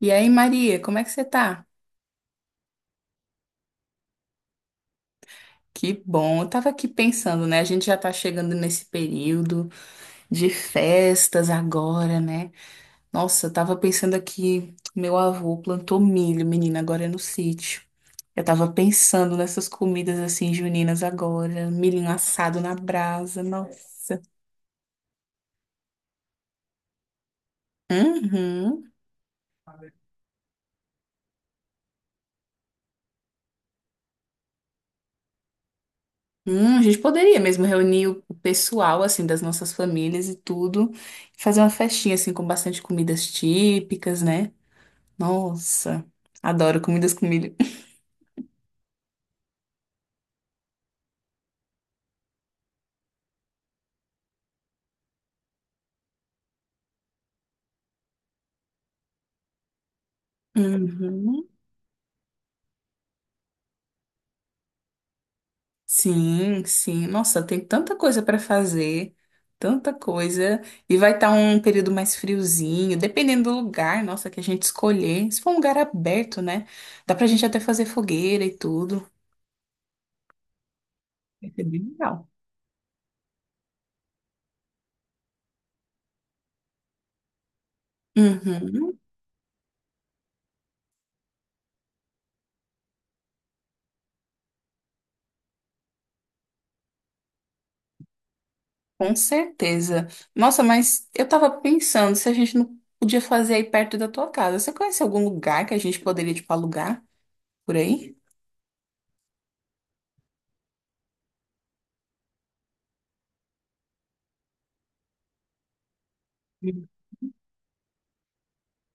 E aí, Maria, como é que você tá? Que bom, eu tava aqui pensando, né? A gente já tá chegando nesse período de festas agora, né? Nossa, eu tava pensando aqui, meu avô plantou milho, menina, agora é no sítio. Eu tava pensando nessas comidas assim juninas agora, milho assado na brasa, nossa. Uhum. A gente poderia mesmo reunir o pessoal assim das nossas famílias e tudo, e fazer uma festinha assim com bastante comidas típicas, né? Nossa, adoro comidas com milho. Uhum. Sim, sim. Nossa, tem tanta coisa para fazer, tanta coisa. E vai estar um período mais friozinho, dependendo do lugar, nossa, que a gente escolher. Se for um lugar aberto, né? Dá pra gente até fazer fogueira e tudo. Vai ser bem legal. Uhum, com certeza. Nossa, mas eu tava pensando se a gente não podia fazer aí perto da tua casa. Você conhece algum lugar que a gente poderia, tipo, alugar por aí?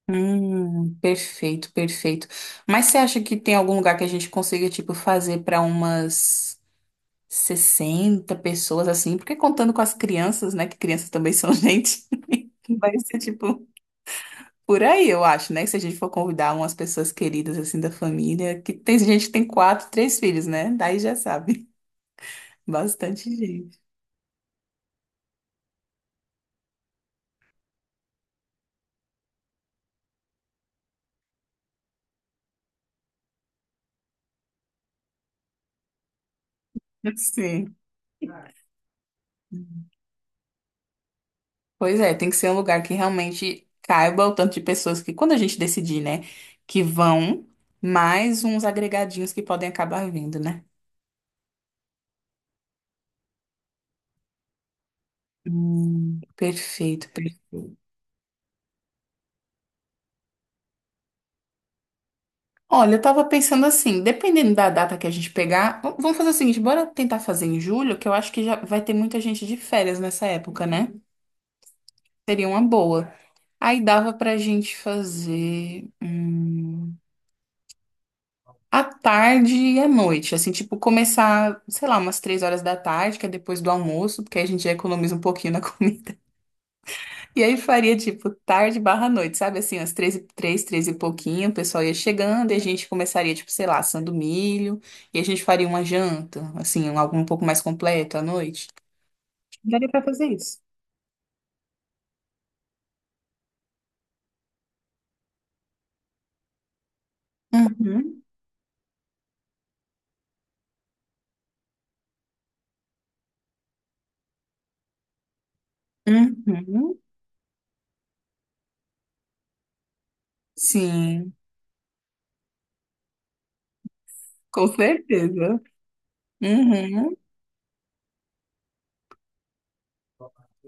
Perfeito, perfeito. Mas você acha que tem algum lugar que a gente consiga, tipo, fazer para umas 60 pessoas assim? Porque contando com as crianças, né? Que crianças também são gente. Vai ser, tipo, por aí, eu acho, né? Se a gente for convidar umas pessoas queridas, assim, da família, que tem gente que tem quatro, três filhos, né? Daí já sabe. Bastante gente. Sim. Pois é, tem que ser um lugar que realmente caiba o tanto de pessoas que, quando a gente decidir, né, que vão, mais uns agregadinhos que podem acabar vindo, né? Perfeito, perfeito. Olha, eu tava pensando assim, dependendo da data que a gente pegar, vamos fazer o seguinte, bora tentar fazer em julho, que eu acho que já vai ter muita gente de férias nessa época, né? Seria uma boa. Aí dava pra gente fazer. À tarde e à noite, assim, tipo, começar, sei lá, umas 3 horas da tarde, que é depois do almoço, porque aí a gente já economiza um pouquinho na comida. E aí faria, tipo, tarde barra noite, sabe? Assim, às três e pouquinho, o pessoal ia chegando e a gente começaria, tipo, sei lá, assando milho, e a gente faria uma janta, assim, algo um pouco mais completo à noite. Daria pra fazer isso. Uhum, uhum, sim, com certeza. Uhum.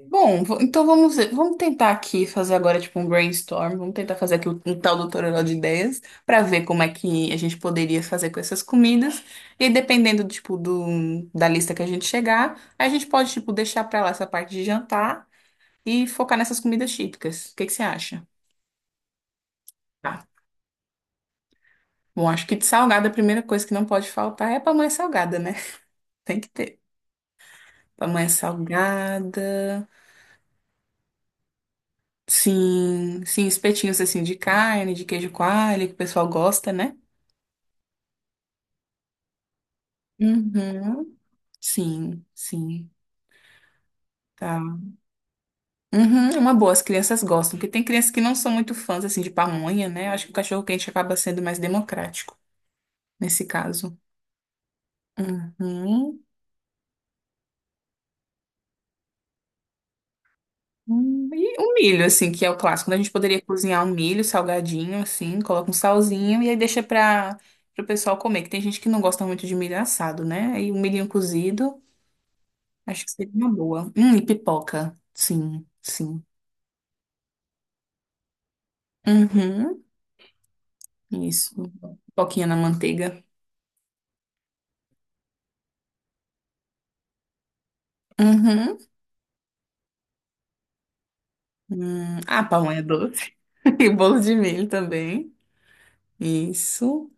Bom, então vamos tentar aqui fazer agora tipo um brainstorm, vamos tentar fazer aqui um tal do toró de ideias para ver como é que a gente poderia fazer com essas comidas. E aí, dependendo tipo do da lista que a gente chegar, a gente pode tipo deixar para lá essa parte de jantar e focar nessas comidas típicas. O que que você acha? Tá. Bom, acho que de salgada a primeira coisa que não pode faltar é a pamonha salgada, né? Tem que ter. Pamonha salgada. Sim, sim, espetinhos assim de carne, de queijo coalho, que o pessoal gosta, né? Uhum. Sim, sim, tá. Uhum, é uma boa, as crianças gostam, porque tem crianças que não são muito fãs, assim, de pamonha, né? Acho que o cachorro-quente acaba sendo mais democrático, nesse caso. Uhum. E o milho, assim, que é o clássico, né? A gente poderia cozinhar um milho salgadinho, assim, coloca um salzinho e aí deixa para o pessoal comer, que tem gente que não gosta muito de milho assado, né? E o milhinho cozido, acho que seria uma boa. E pipoca, sim, sim. Uhum, isso, pipoquinha na manteiga. Uhum. Ah, pamonha doce. E bolo de milho também. Isso.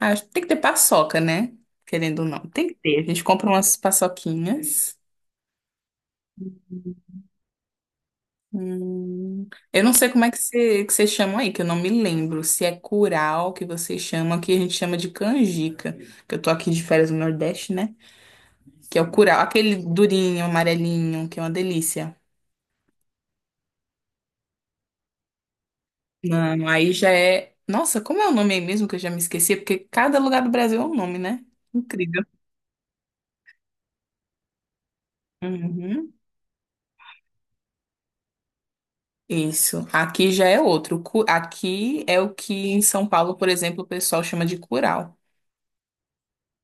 Ah, acho que tem que ter paçoca, né? Querendo ou não. Tem que ter. A gente compra umas paçoquinhas. Hum, Eu não sei como é que você chama aí, que eu não me lembro. Se é curau que você chama, que a gente chama de canjica. Que eu tô aqui de férias no Nordeste, né? Que é o curau, aquele durinho, amarelinho, que é uma delícia. Não, aí já é. Nossa, como é o nome aí mesmo que eu já me esqueci? Porque cada lugar do Brasil é um nome, né? Incrível. Uhum. Isso. Aqui já é outro. Aqui é o que em São Paulo, por exemplo, o pessoal chama de curau,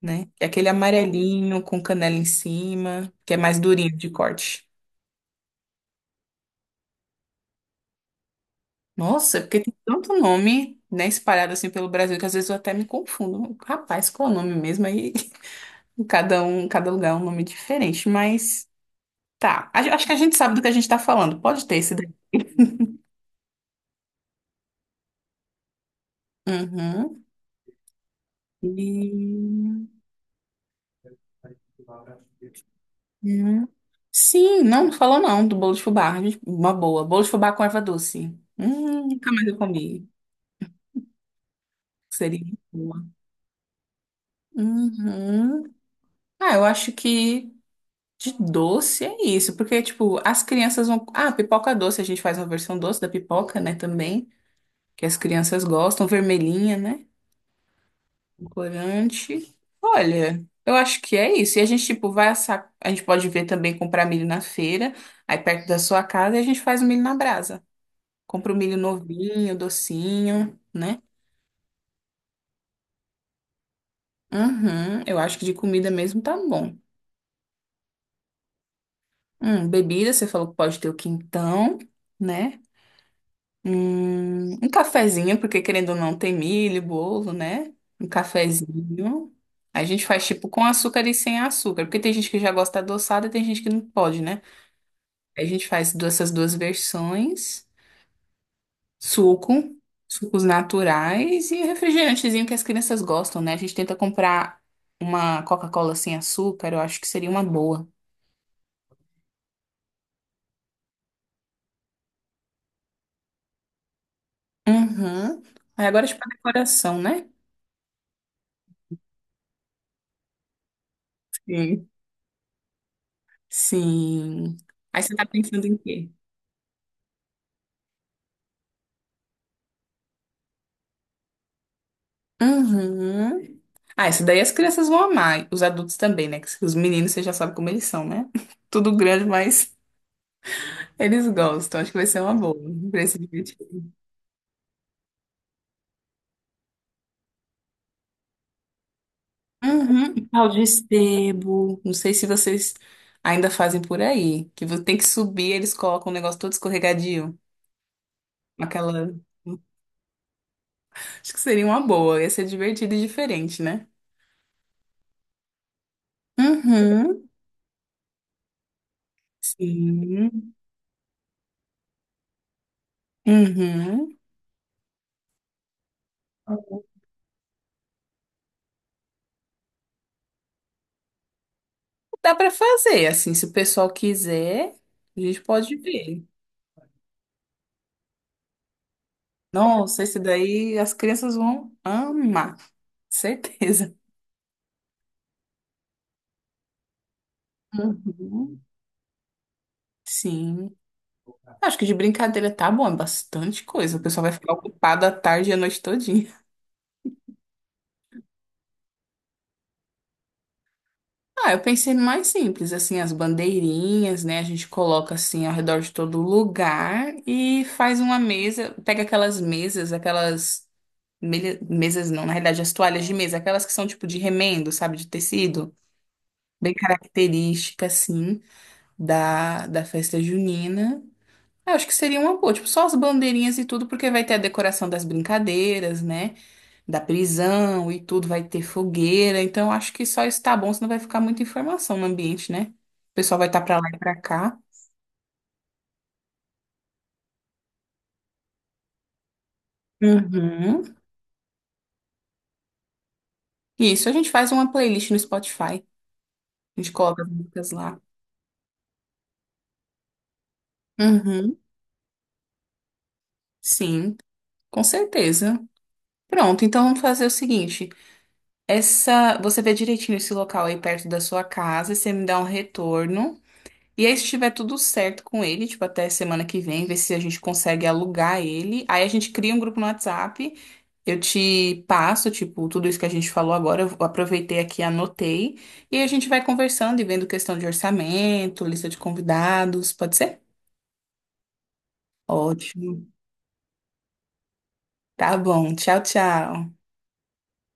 né? É aquele amarelinho com canela em cima, que é mais durinho de corte. Nossa, porque tem tanto nome, né, espalhado assim pelo Brasil que às vezes eu até me confundo. Rapaz, qual é o nome mesmo? Aí cada um, cada lugar é um nome diferente, mas. Tá. Acho que a gente sabe do que a gente tá falando. Pode ter esse daí. Uhum. E... Uhum. Sim, não, não falou não do bolo de fubá. Gente, uma boa. Bolo de fubá com erva doce. Nunca mais eu comi. Seria muito boa. Uhum. Ah, eu acho que de doce é isso, porque, tipo, as crianças vão. Ah, pipoca doce, a gente faz uma versão doce da pipoca, né, também, que as crianças gostam, vermelhinha, né? Corante. Olha, eu acho que é isso. E a gente, tipo, vai assar. A gente pode ver também comprar milho na feira, aí perto da sua casa, e a gente faz o milho na brasa. Compra o milho novinho, docinho, né? Uhum, eu acho que de comida mesmo tá bom. Bebida, você falou que pode ter o quintão, né? Um cafezinho, porque querendo ou não, tem milho, bolo, né? Um cafezinho. A gente faz tipo com açúcar e sem açúcar, porque tem gente que já gosta adoçada e tem gente que não pode, né? Aí a gente faz essas duas versões, suco, sucos naturais e refrigerantezinho que as crianças gostam, né? A gente tenta comprar uma Coca-Cola sem açúcar, eu acho que seria uma boa. Uhum. Aí agora, é tipo, a decoração, né? Sim. Sim. Aí você tá pensando em quê? Uhum. Ah, isso daí as crianças vão amar, os adultos também, né? Que os meninos, você já sabe como eles são, né? Tudo grande, mas eles gostam. Acho que vai ser uma boa pra esse dia. Uhum, e pau de sebo. Não sei se vocês ainda fazem por aí. Que tem que subir, eles colocam um negócio todo escorregadio. Aquela. Acho que seria uma boa. Ia ser divertido e diferente, né? Uhum. Sim. Uhum. Dá pra fazer, assim, se o pessoal quiser, a gente pode ver. Nossa, esse daí as crianças vão amar, certeza. Uhum. Sim. Acho que de brincadeira tá bom, é bastante coisa. O pessoal vai ficar ocupado a tarde e a noite todinha. Ah, eu pensei no mais simples, assim, as bandeirinhas, né? A gente coloca assim ao redor de todo lugar e faz uma mesa, pega aquelas mesas, aquelas mesas não, na realidade as toalhas de mesa, aquelas que são tipo de remendo, sabe, de tecido, bem característica assim da festa junina. Eu acho que seria uma boa, tipo, só as bandeirinhas e tudo, porque vai ter a decoração das brincadeiras, né? Da prisão e tudo, vai ter fogueira. Então, eu acho que só isso tá bom, senão vai ficar muita informação no ambiente, né? O pessoal vai estar tá para lá e para cá. Uhum. Isso, a gente faz uma playlist no Spotify. A gente coloca as músicas lá. Uhum. Sim, com certeza. Pronto, então vamos fazer o seguinte. Essa, você vê direitinho esse local aí perto da sua casa, você me dá um retorno. E aí, se tiver tudo certo com ele, tipo, até semana que vem, ver se a gente consegue alugar ele. Aí a gente cria um grupo no WhatsApp. Eu te passo, tipo, tudo isso que a gente falou agora, eu aproveitei aqui, anotei, e a gente vai conversando e vendo questão de orçamento, lista de convidados, pode ser? Ótimo. Tá bom. Tchau, tchau.